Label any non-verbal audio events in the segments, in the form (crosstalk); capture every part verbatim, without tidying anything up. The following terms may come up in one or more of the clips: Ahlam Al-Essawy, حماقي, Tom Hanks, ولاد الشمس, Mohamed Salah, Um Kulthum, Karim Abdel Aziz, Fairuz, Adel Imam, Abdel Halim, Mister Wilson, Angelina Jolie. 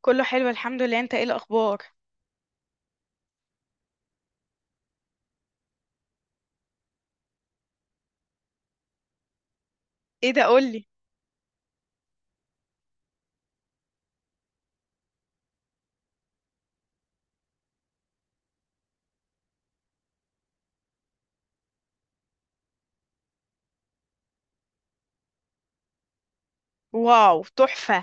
كله حلو، الحمد لله. انت ايه الاخبار؟ ايه ده؟ قولي. واو، تحفة.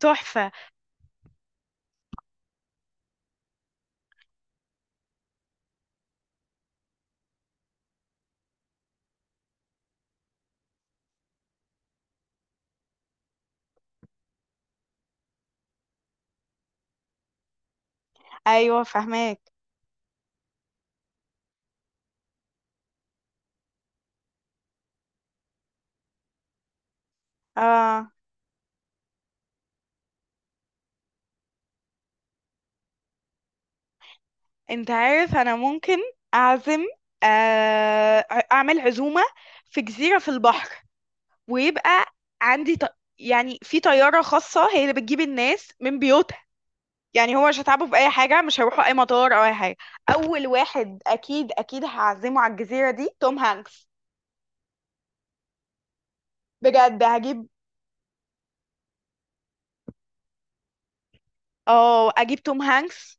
تحفة. ايوه، فهماك. اه، انت عارف انا ممكن اعزم، آه اعمل عزومة في جزيرة في البحر. ويبقى عندي ط... يعني في طيارة خاصة هي اللي بتجيب الناس من بيوتها. يعني هو مش هتعبوا في اي حاجة، مش هيروحوا اي مطار او اي حاجة. اول واحد اكيد اكيد هعزمه على الجزيرة دي توم هانكس. بجد هجيب، اه، اجيب توم هانكس.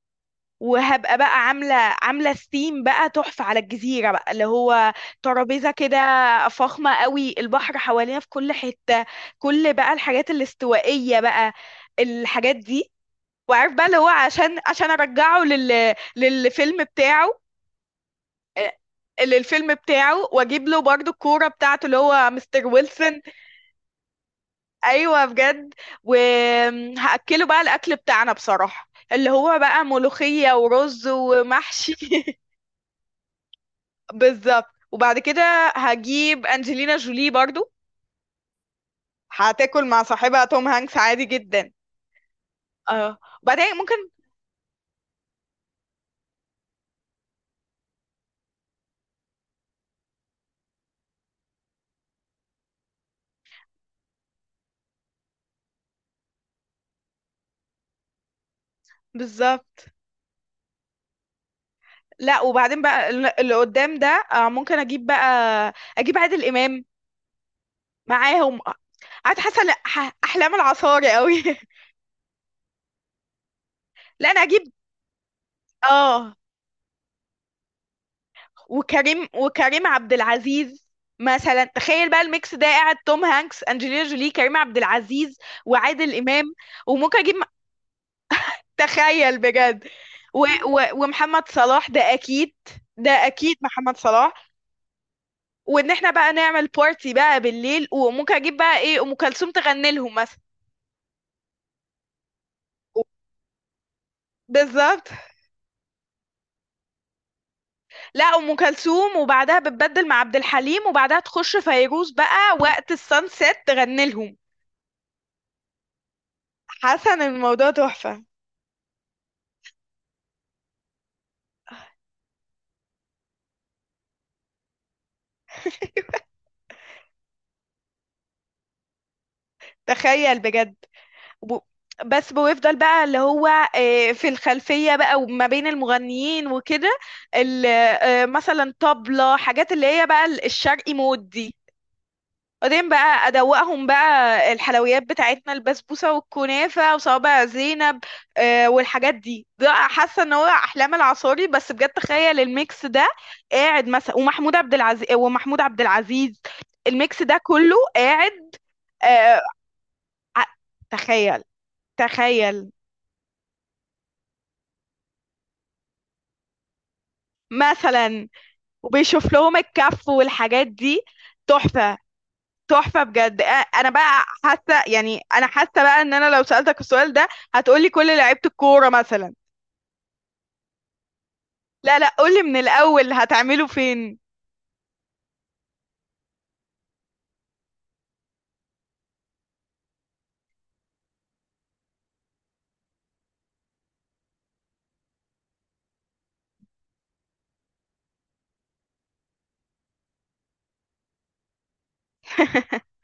وهبقى بقى عامله عامله ثيم بقى تحفه على الجزيره، بقى اللي هو ترابيزه كده فخمه قوي، البحر حوالينا في كل حته، كل بقى الحاجات الاستوائيه بقى، الحاجات دي. وعارف بقى اللي هو، عشان عشان ارجعه لل للفيلم بتاعه، آه، للفيلم بتاعه، واجيب له برضو الكوره بتاعته اللي هو مستر ويلسون. ايوه، بجد. وهاكله بقى الاكل بتاعنا بصراحه اللي هو بقى ملوخيه ورز ومحشي (laughs) بالظبط. وبعد كده هجيب انجلينا جولي برضو، هتاكل مع صاحبها توم هانكس عادي جدا. اه، وبعدين ممكن. بالظبط. لا، وبعدين بقى الل- اللي قدام ده، آه، ممكن اجيب بقى، اجيب عادل امام معاهم. قاعد حاسه لأ، ح- احلام العصاري قوي (laughs) لا، انا اجيب، اه، وكريم وكريم عبد العزيز. مثلا تخيل بقى الميكس ده قاعد، توم هانكس، انجلينا جولي، كريم عبد العزيز، وعادل امام. وممكن اجيب، تخيل بجد، و و ومحمد صلاح ده اكيد ده اكيد محمد صلاح. وان احنا بقى نعمل بارتي بقى بالليل، وممكن اجيب بقى ايه ام كلثوم تغني لهم مثلا. بالظبط. لا، ام كلثوم وبعدها بتبدل مع عبد الحليم وبعدها تخش فيروز بقى وقت السانسيت تغني لهم. حسن، الموضوع تحفة. تخيل، بجد. وب- بس بيفضل بقى اللي هو، آه، في الخلفية بقى، وما بين المغنيين وكده ال- آه، مثلا طبلة، حاجات اللي هي بقى الشرقي مود دي. بعدين بقى أدوقهم بقى الحلويات بتاعتنا، البسبوسة والكنافة وصوابع زينب، آه، والحاجات دي. ده حاسة ان هو أحلام العصاري، بس بجد تخيل الميكس ده قاعد مثلا، ومحمود عبد العزيز ومحمود عبد العزيز. الميكس ده كله قاعد. آه، ع- تخيل. تخيل مثلا وبيشوف لهم الكف والحاجات دي. تحفة. تحفة بجد. أ- انا بقى حاسة، يعني انا حاسة بقى، ان انا لو سألتك السؤال ده هتقولي كل لعيبة الكورة مثلا. لا لا، قولي من الاول، هتعمله فين؟ (laughs)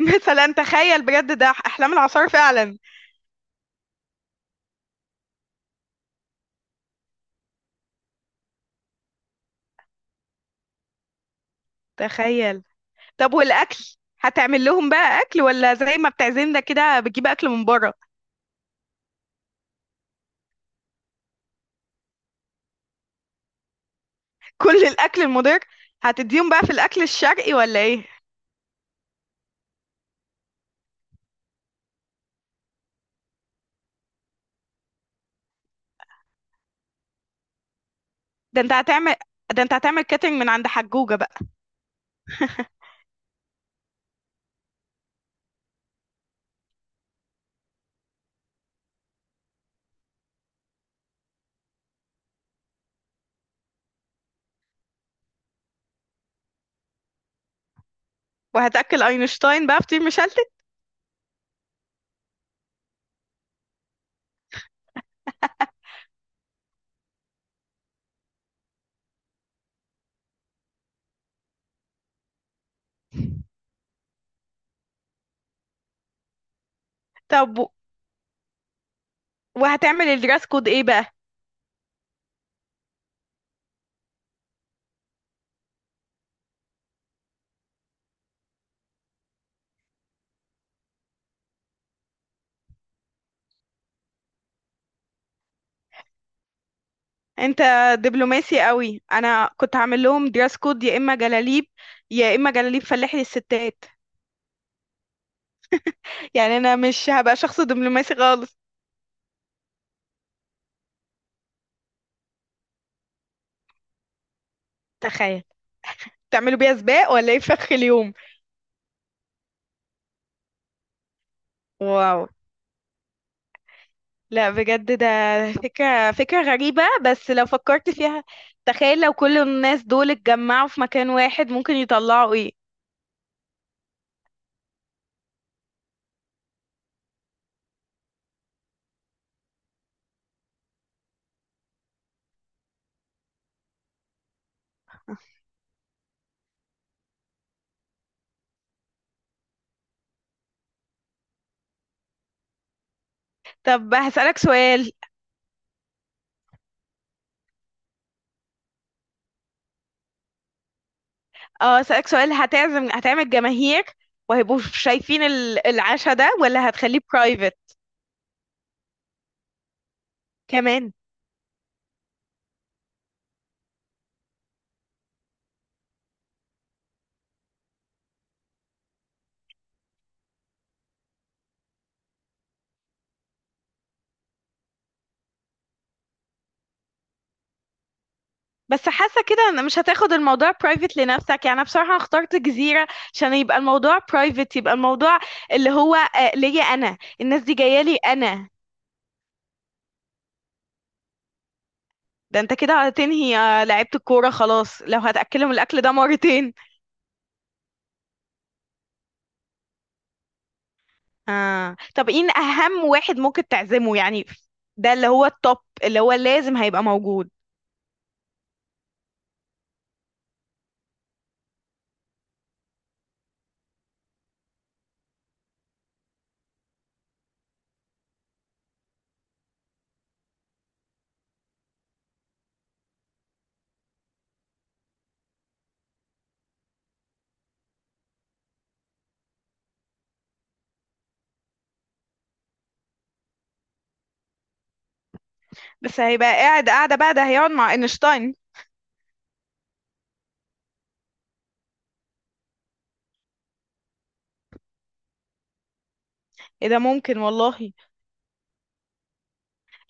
مثلا تخيل بجد ده احلام العصار فعلا. تخيل. طب والاكل؟ هتعمل لهم بقى اكل ولا زي ما بتعزمنا كده بتجيب اكل من بره؟ كل الاكل المضر؟ هتديهم بقى في الاكل الشرقي ولا ايه؟ ده انت هتعمل ده انت هتعمل كاترينج من عند حجوجة بقى؟ وهتاكل اينشتاين بقى فطير مشلتت؟ طب و- وهتعمل الدراس كود ايه بقى؟ انت دبلوماسي قوي. انا كنت هعمل لهم دراس كود يا اما جلاليب، يا اما جلاليب فلاحي للستات. يعني انا مش هبقى شخص دبلوماسي خالص. تخيل. تعملوا بيها سباق ولا ايه في اخر اليوم؟ واو. لا، بجد، ده فكرة فكرة غريبة بس لو فكرت فيها. تخيل لو كل الناس دول اتجمعوا في مكان واحد ممكن يطلعوا ايه. طب هسألك سؤال. اه. هسألك سؤال هتعزم، هتعمل جماهير وهيبقوا شايفين ال- العشاء ده، ولا هتخليه برايفت؟ كمان. بس حاسة كده ان مش هتاخد الموضوع برايفت لنفسك. يعني انا بصراحة اخترت جزيرة عشان يبقى الموضوع برايفت، يبقى الموضوع اللي هو آه، ليا انا، الناس دي جاية لي انا. ده انت كده هتنهي آه، لعيبة الكورة خلاص لو هتأكلهم الاكل ده مرتين. آه. طب ايه اهم واحد ممكن تعزمه يعني؟ ده اللي هو التوب، اللي هو لازم هيبقى موجود. بس هيبقى قاعد قاعدة بقى، ده هيقعد مع اينشتاين. ايه ده، ممكن والله.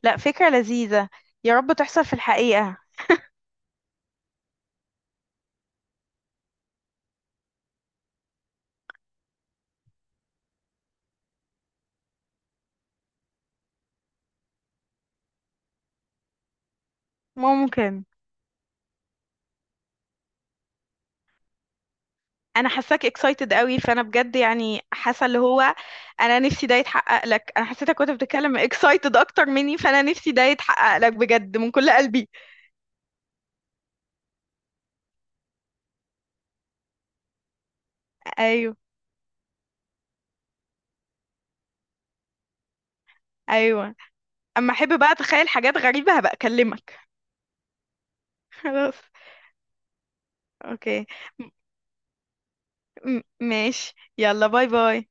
لا، فكرة لذيذة. يا رب تحصل في الحقيقة. ممكن. انا حاساك اكسايتد قوي، فانا بجد يعني حاسه اللي هو، انا نفسي ده يتحقق لك. انا حسيتك كنت بتتكلم اكسايتد اكتر مني، فانا نفسي ده يتحقق لك بجد من كل قلبي. ايوه، ايوه. اما احب بقى اتخيل حاجات غريبه هبقى اكلمك. (laughs) خلاص. اوكي. م- م- ماشي، يلا، باي باي.